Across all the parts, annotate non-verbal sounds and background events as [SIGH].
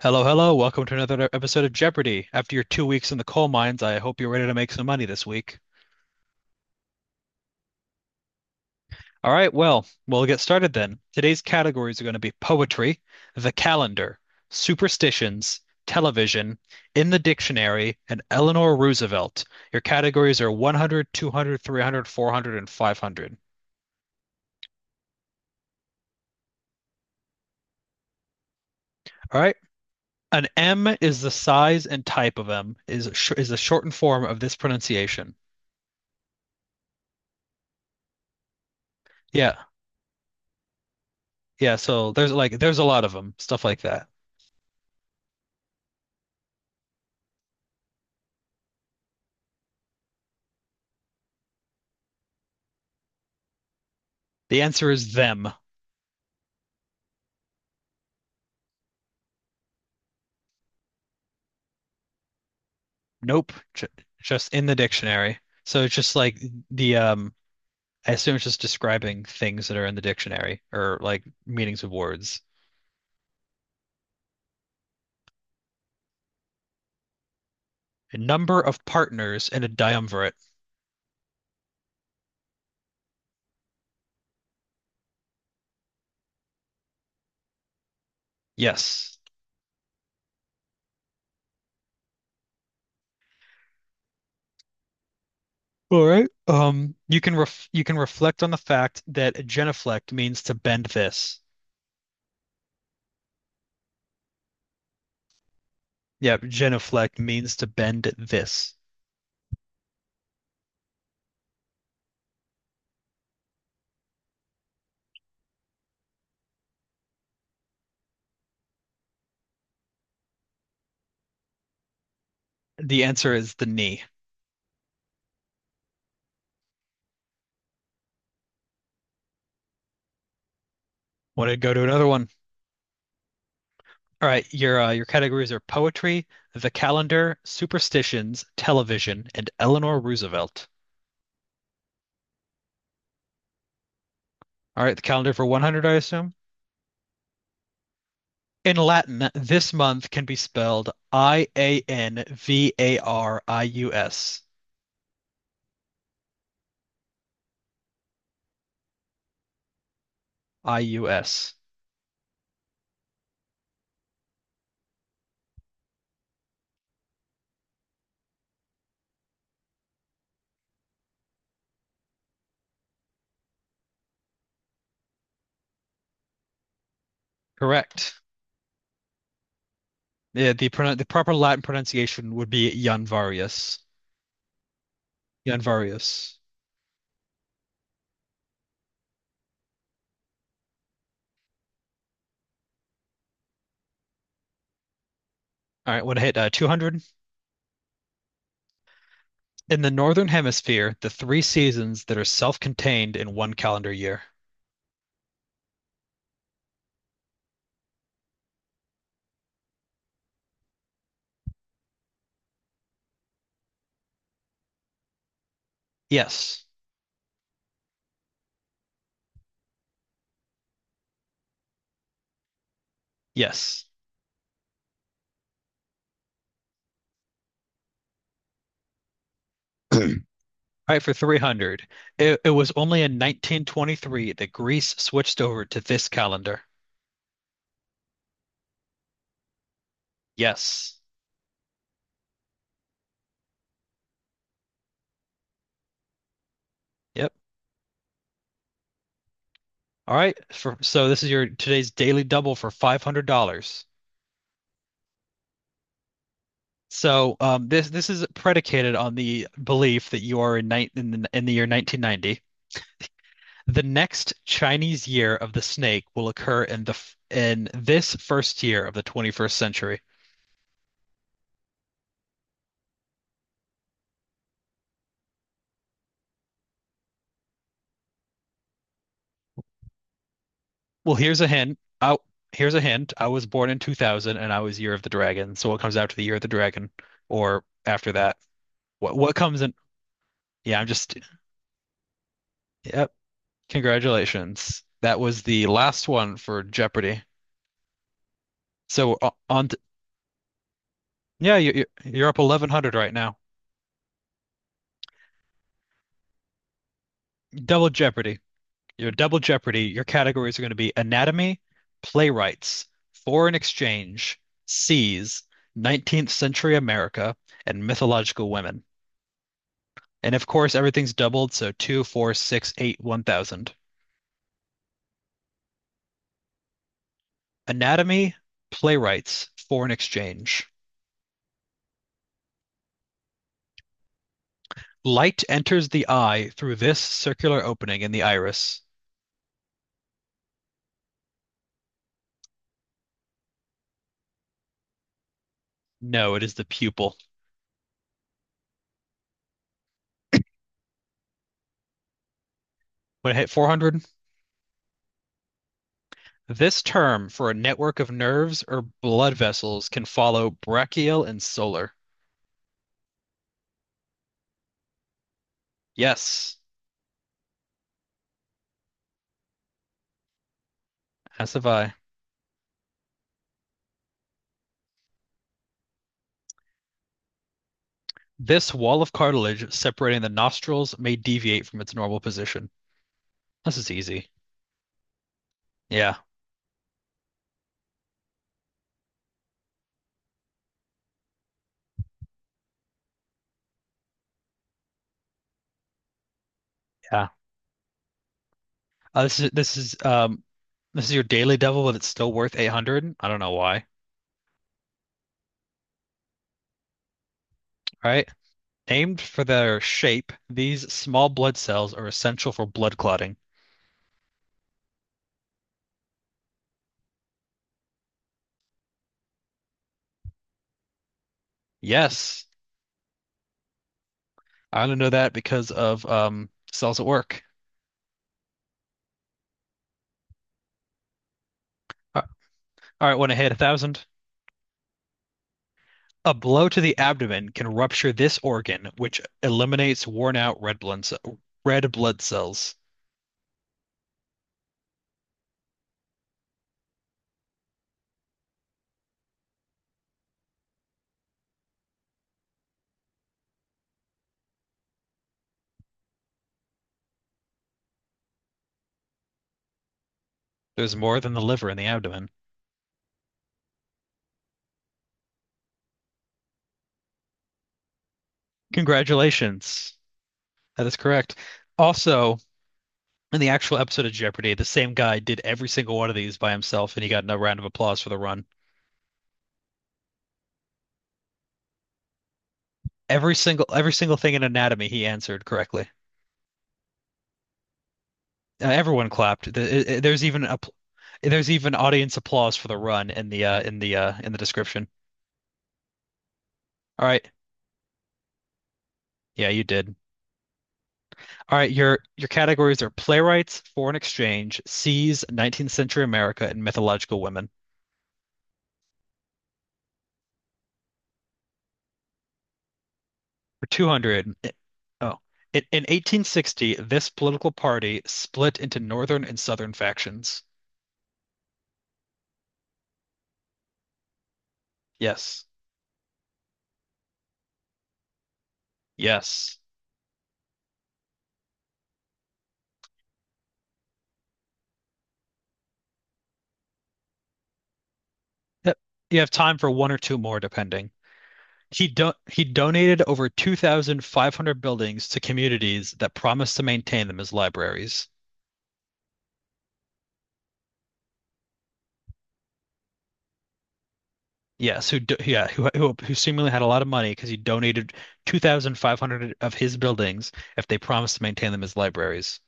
Hello, hello. Welcome to another episode of Jeopardy! After your 2 weeks in the coal mines, I hope you're ready to make some money this week. All right, well, we'll get started then. Today's categories are going to be poetry, the calendar, superstitions, television, in the dictionary, and Eleanor Roosevelt. Your categories are 100, 200, 300, four hundred, and five hundred. All right. An M is the size and type of M is sh is the shortened form of this pronunciation. Yeah. Yeah, so there's a lot of them, stuff like that. The answer is them. Nope, j just in the dictionary. So it's just like the I assume it's just describing things that are in the dictionary or like meanings of words. A number of partners in a triumvirate. Yes. All right. You can ref you can reflect on the fact that genuflect means to bend this. Yep, genuflect means to bend this. The answer is the knee. Want to go to another one? All right, your categories are poetry, the calendar, superstitions, television, and Eleanor Roosevelt. All right, the calendar for 100, I assume. In Latin, this month can be spelled Ianvarius. IUS. Correct. Yeah, the proper Latin pronunciation would be Janvarius. Janvarius. All right, what hit 200? In the Northern Hemisphere, the three seasons that are self-contained in one calendar year. Yes. Yes. All right, for 300. It was only in 1923 that Greece switched over to this calendar. Yes. Yep. All right. For, so this is your today's daily double for $500. So this is predicated on the belief that you are in the year 1990. The next Chinese year of the snake will occur in the in this first year of the 21st century. Well, here's a hint. Here's a hint. I was born in 2000 and I was Year of the Dragon. So what comes after the Year of the Dragon or after that? What comes in? Yeah, I'm just yep. Congratulations. That was the last one for Jeopardy. So o- on t- yeah, you're up 1100 right now. Double Jeopardy. Your Double Jeopardy. Your categories are going to be anatomy, playwrights, foreign exchange, seas, 19th century America, and mythological women. And of course, everything's doubled, so two, four, six, eight, 1,000. Anatomy, playwrights, foreign exchange. Light enters the eye through this circular opening in the iris. No, it is the pupil. When I hit 400, this term for a network of nerves or blood vessels can follow brachial and solar. Yes, as have I. This wall of cartilage separating the nostrils may deviate from its normal position. This is easy. Yeah, yeah. This is this is your daily devil, but it's still worth 800. I don't know why. All right. Named for their shape, these small blood cells are essential for blood clotting. Yes, I only know that because of cells at work. Uh, All right, want to hit a thousand. A blow to the abdomen can rupture this organ, which eliminates worn out red blood cells. There's more than the liver in the abdomen. Congratulations. That is correct. Also, in the actual episode of Jeopardy, the same guy did every single one of these by himself, and he got a round of applause for the run. Every single thing in anatomy he answered correctly. Everyone clapped. There's even a there's even audience applause for the run in the in the in the description. All right, yeah, you did. All right, your categories are playwrights, foreign exchange, seas, 19th century America, and mythological women. For 200, oh, in 1860, this political party split into northern and southern factions. Yes. Yes. Yep. You have time for one or two more, depending. He do he donated over 2,500 buildings to communities that promised to maintain them as libraries. Yes, yeah, who seemingly had a lot of money because he donated 2,500 of his buildings if they promised to maintain them as libraries.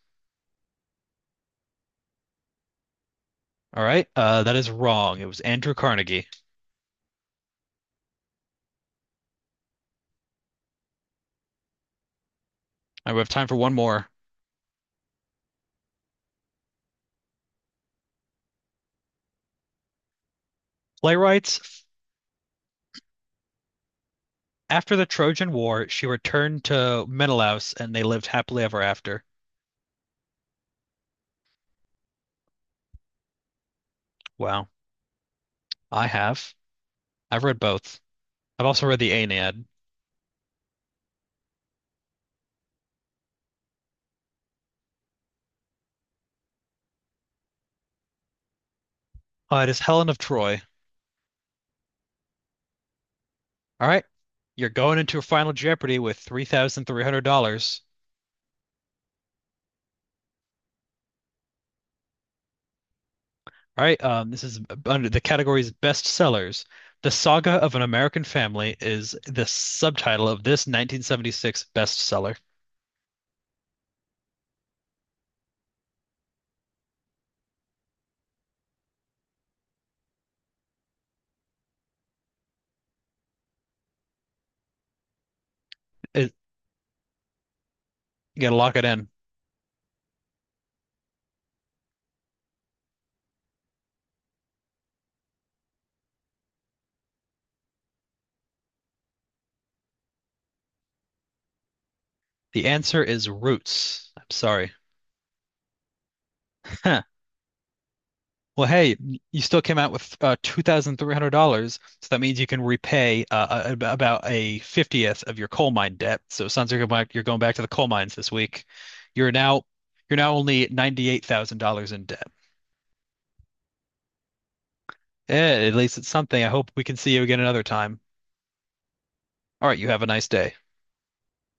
All right, that is wrong. It was Andrew Carnegie. I we have time for one more. Playwrights. After the Trojan War, she returned to Menelaus and they lived happily ever after. Wow. I have. I've read both. I've also read the Aeneid. It is Helen of Troy. All right. You're going into a final Jeopardy with $3,300. All right. This is under the category's best sellers. The Saga of an American Family is the subtitle of this 1976 bestseller. It, you gotta lock it in. The answer is Roots. I'm sorry. [LAUGHS] Well, hey, you still came out with $2,300, so that means you can repay about a 50th of your coal mine debt. So it sounds like you're going back to the coal mines this week. You're now you're now only $98,000 in debt. Eh, at least it's something. I hope we can see you again another time. All right, you have a nice day.